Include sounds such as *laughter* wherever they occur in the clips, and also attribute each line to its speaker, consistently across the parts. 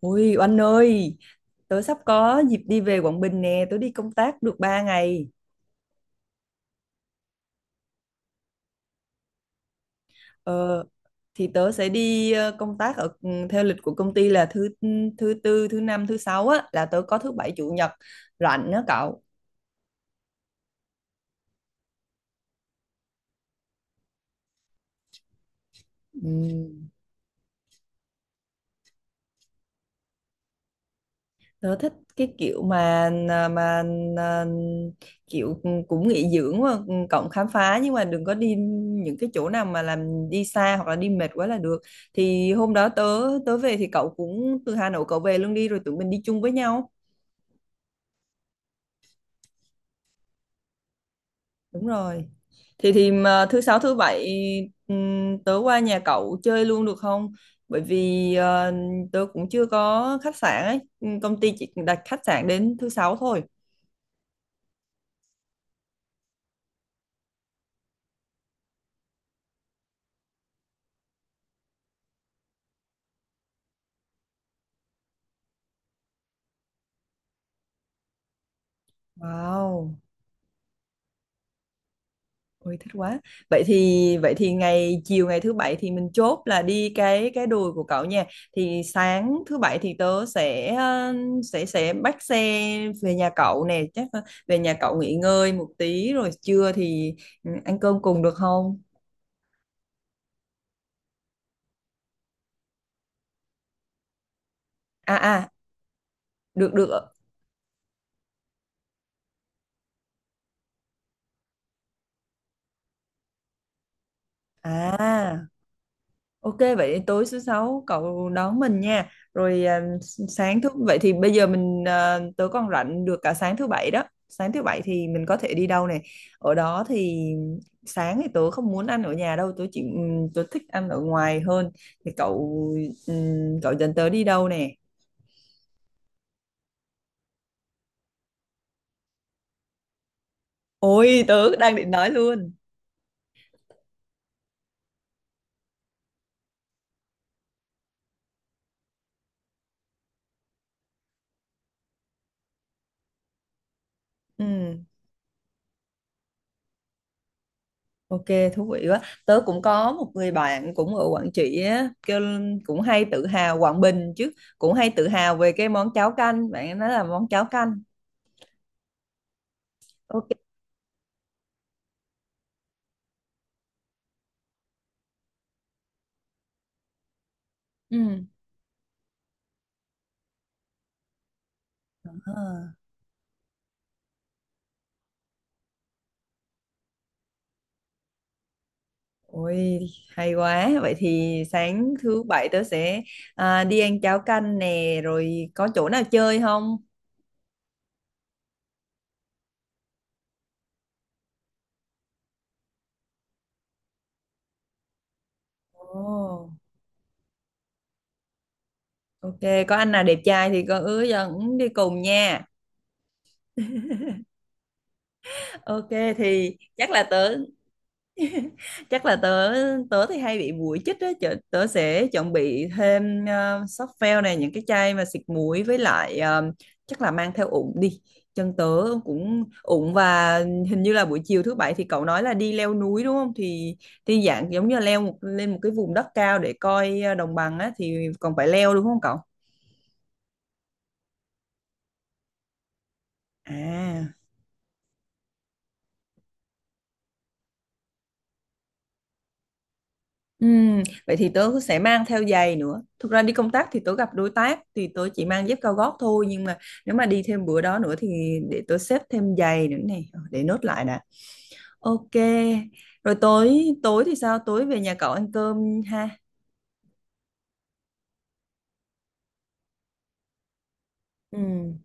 Speaker 1: Ui Oanh ơi, tớ sắp có dịp đi về Quảng Bình nè, tớ đi công tác được 3 ngày. Ờ, thì tớ sẽ đi công tác ở theo lịch của công ty là thứ tư, thứ năm, thứ sáu á là tớ có thứ bảy chủ nhật rảnh đó cậu. Ừ. Tớ thích cái kiểu mà à, mà à, kiểu ừ, cũng nghỉ dưỡng mà cộng khám phá nhưng mà đừng có đi những cái chỗ nào mà làm đi xa hoặc là đi mệt quá là được. Thì hôm đó tớ tớ về thì cậu cũng từ Hà Nội cậu về luôn đi rồi tụi mình đi chung với nhau. Đúng rồi. Thì mà thứ sáu thứ bảy tớ qua nhà cậu chơi luôn được không? Bởi vì tớ cũng chưa có khách sạn ấy, công ty chỉ đặt khách sạn đến thứ sáu thôi. Wow. Ôi thích quá. Vậy thì chiều ngày thứ bảy thì mình chốt là đi cái đùi của cậu nha. Thì sáng thứ bảy thì tớ sẽ ờ, sẽ bắt xe về nhà cậu nè, chắc là về nhà cậu nghỉ ngơi một tí rồi trưa thì ăn cơm cùng được không? À à, được được. À, ok, vậy tối thứ sáu cậu đón mình nha. Rồi sáng thứ vậy thì bây giờ tớ còn rảnh được cả sáng thứ bảy đó. Sáng thứ bảy thì mình có thể đi đâu này. Ở đó thì sáng thì tớ không muốn ăn ở nhà đâu, tớ thích ăn ở ngoài hơn. Thì cậu cậu dẫn tớ đi đâu nè? Ôi tớ đang định nói luôn. Ừ. Ok, thú vị quá. Tớ cũng có một người bạn cũng ở Quảng Trị á, kêu cũng hay tự hào Quảng Bình chứ, cũng hay tự hào về cái món cháo canh, bạn ấy nói là món cháo canh. Ok. Ừ. À, ôi hay quá. Vậy thì sáng thứ bảy tớ sẽ đi ăn cháo canh nè, rồi có chỗ nào chơi không? Ồ, ok, có anh nào đẹp trai thì con ứa dẫn đi cùng nha. Ok, thì chắc là tớ tớ thì hay bị muỗi chích á tớ sẽ chuẩn bị thêm softgel này những cái chai mà xịt muỗi với lại chắc là mang theo ủng đi chân tớ cũng ủng và hình như là buổi chiều thứ bảy thì cậu nói là đi leo núi đúng không thì dạng giống như là lên một cái vùng đất cao để coi đồng bằng á thì còn phải leo đúng không cậu? À, vậy thì tớ sẽ mang theo giày nữa. Thực ra đi công tác thì tớ gặp đối tác thì tớ chỉ mang dép cao gót thôi nhưng mà nếu mà đi thêm bữa đó nữa thì để tớ xếp thêm giày nữa này. Ờ, để nốt lại đã. Ok. Rồi tối tối thì sao? Tối về nhà cậu ăn cơm ha. Ừm,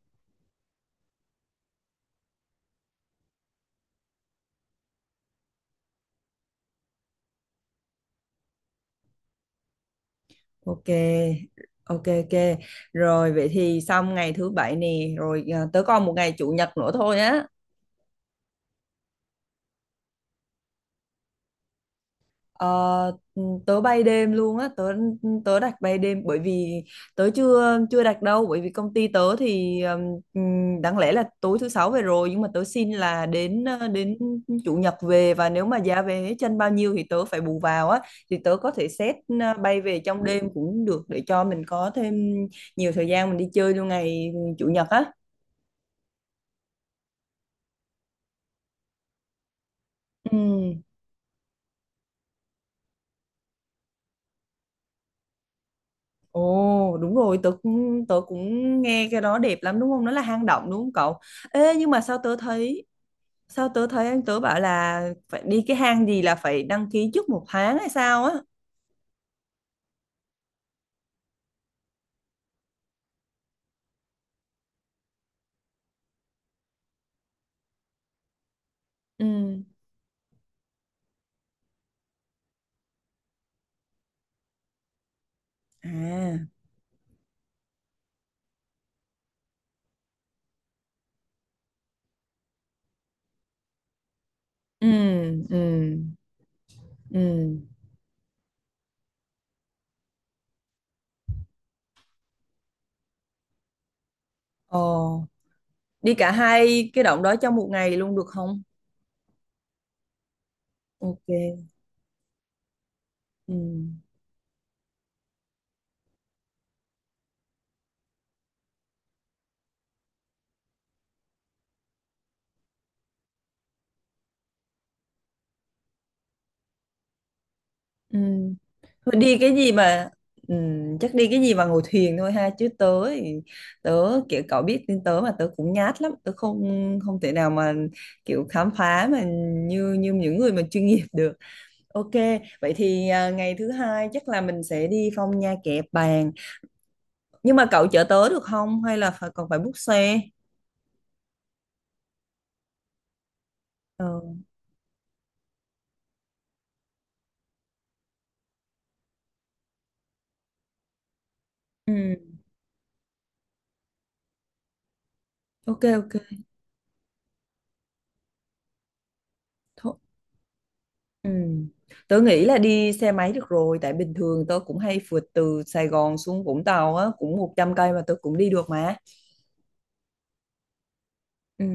Speaker 1: ok. Ok ok. Rồi vậy thì xong ngày thứ bảy nè, rồi tớ còn một ngày chủ nhật nữa thôi á. Ờ, tớ bay đêm luôn á tớ tớ đặt bay đêm bởi vì tớ chưa chưa đặt đâu bởi vì công ty tớ thì đáng lẽ là tối thứ sáu về rồi nhưng mà tớ xin là đến chủ nhật về và nếu mà giá vé chân bao nhiêu thì tớ phải bù vào á thì tớ có thể xét bay về trong đêm cũng được để cho mình có thêm nhiều thời gian mình đi chơi luôn ngày chủ nhật á. Ừ. Ồ đúng rồi tớ cũng nghe cái đó đẹp lắm đúng không, nó là hang động đúng không cậu? Ê nhưng mà sao tớ thấy anh tớ bảo là phải đi cái hang gì là phải đăng ký trước một tháng hay sao á. Ừ. À. Ừ. Ừ. Ừ. Ồ, đi cả hai cái động đó trong một ngày luôn được không? Ok. Ừ. Ừ. Thôi đi cái gì mà chắc đi cái gì mà ngồi thuyền thôi ha chứ tớ kiểu cậu biết tính tớ mà tớ cũng nhát lắm tớ không không thể nào mà kiểu khám phá mà như như những người mà chuyên nghiệp được. Ok, vậy thì ngày thứ hai chắc là mình sẽ đi Phong Nha Kẻ Bàng, nhưng mà cậu chở tớ được không hay là còn phải book xe? Ờ, ừm, ok ok. Thôi. Ừ. Tớ nghĩ là đi xe máy được rồi tại bình thường tớ cũng hay phượt từ Sài Gòn xuống Vũng Tàu á cũng 100 cây mà tớ cũng đi được mà. Ừ.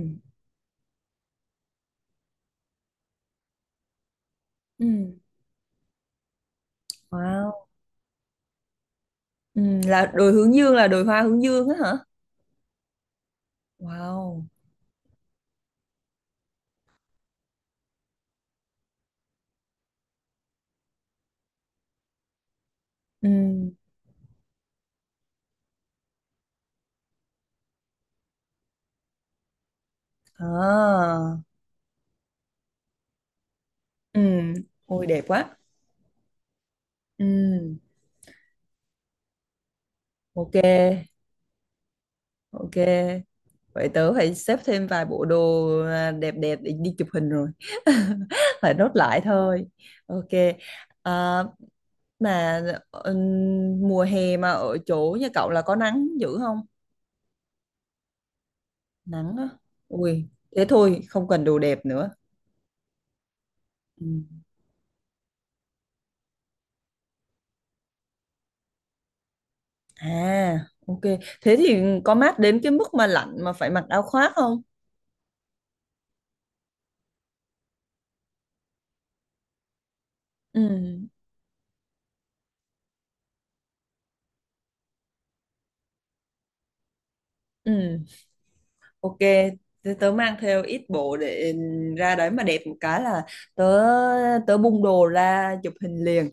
Speaker 1: Ừ. Wow. Ừ. Là đồi hướng dương là đồi hoa hướng dương á hả? Wow. Ừ. À. Ừ. Ôi đẹp quá. Ừ. Ok ok, vậy tớ phải xếp thêm vài bộ đồ đẹp đẹp để đi chụp hình rồi. *laughs* Phải nốt lại thôi. Ok. à, Mà ờ, mùa hè mà ở chỗ nhà cậu là có nắng dữ không? Nắng á. Ui, thế thôi, không cần đồ đẹp nữa. Ừ. À, ok. Thế thì có mát đến cái mức mà lạnh mà phải mặc áo khoác không? Ừ, ừ. Ok, thế tớ mang theo ít bộ để ra đấy mà đẹp một cái là tớ tớ bung đồ ra chụp hình liền.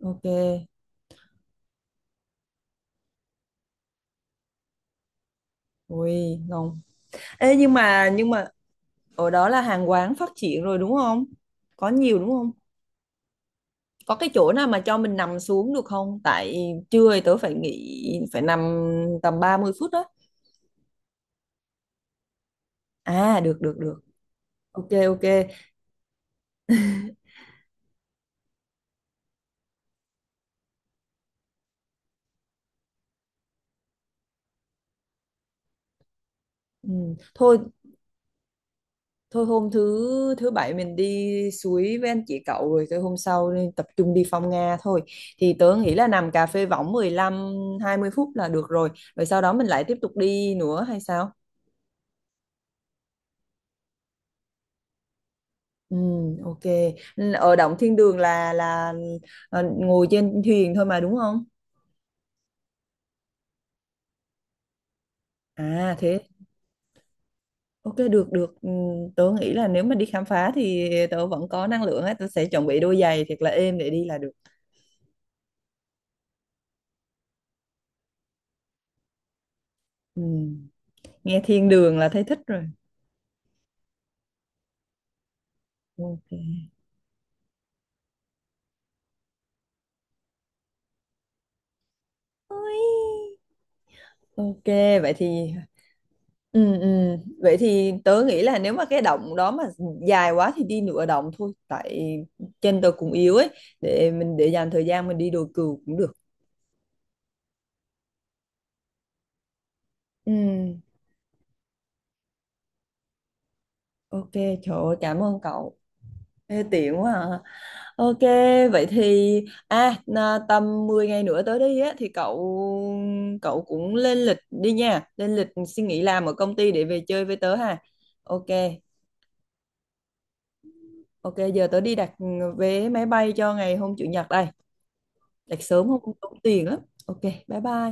Speaker 1: Ok. Ui, ngon. Ê nhưng mà ở đó là hàng quán phát triển rồi đúng không? Có nhiều đúng không? Có cái chỗ nào mà cho mình nằm xuống được không tại trưa thì tớ phải nghỉ phải nằm tầm 30 phút đó. À, được được được. Ok ok. Ừ. Thôi thôi, hôm thứ thứ bảy mình đi suối với anh chị cậu rồi tới hôm sau nên tập trung đi phong Nga thôi. Thì tớ nghĩ là nằm cà phê võng 15-20 phút là được rồi, rồi sau đó mình lại tiếp tục đi nữa hay sao? Ừ, ok. Ở Động Thiên Đường là ngồi trên thuyền thôi mà đúng không? À thế. Ok được được. Tớ nghĩ là nếu mà đi khám phá thì tớ vẫn có năng lượng ấy, tớ sẽ chuẩn bị đôi giày thiệt là êm để đi là được. Ừm, Nghe thiên đường là thấy thích rồi. Ok. Ôi. Ok, vậy thì ừ, ừ. Vậy thì tớ nghĩ là nếu mà cái động đó mà dài quá thì đi nửa động thôi tại chân tớ cũng yếu ấy, để dành thời gian mình đi đồi cừu cũng được. Ừ. Ok, trời ơi, cảm ơn cậu. Ê, tiện quá à. Ok, vậy thì tầm 10 ngày nữa tới đây á thì cậu cậu cũng lên lịch đi nha, lên lịch xin nghỉ làm ở công ty để về chơi với tớ ha. Ok, ok giờ tớ đi đặt vé máy bay cho ngày hôm chủ nhật đây, đặt sớm không tốn tiền lắm. Ok, bye bye.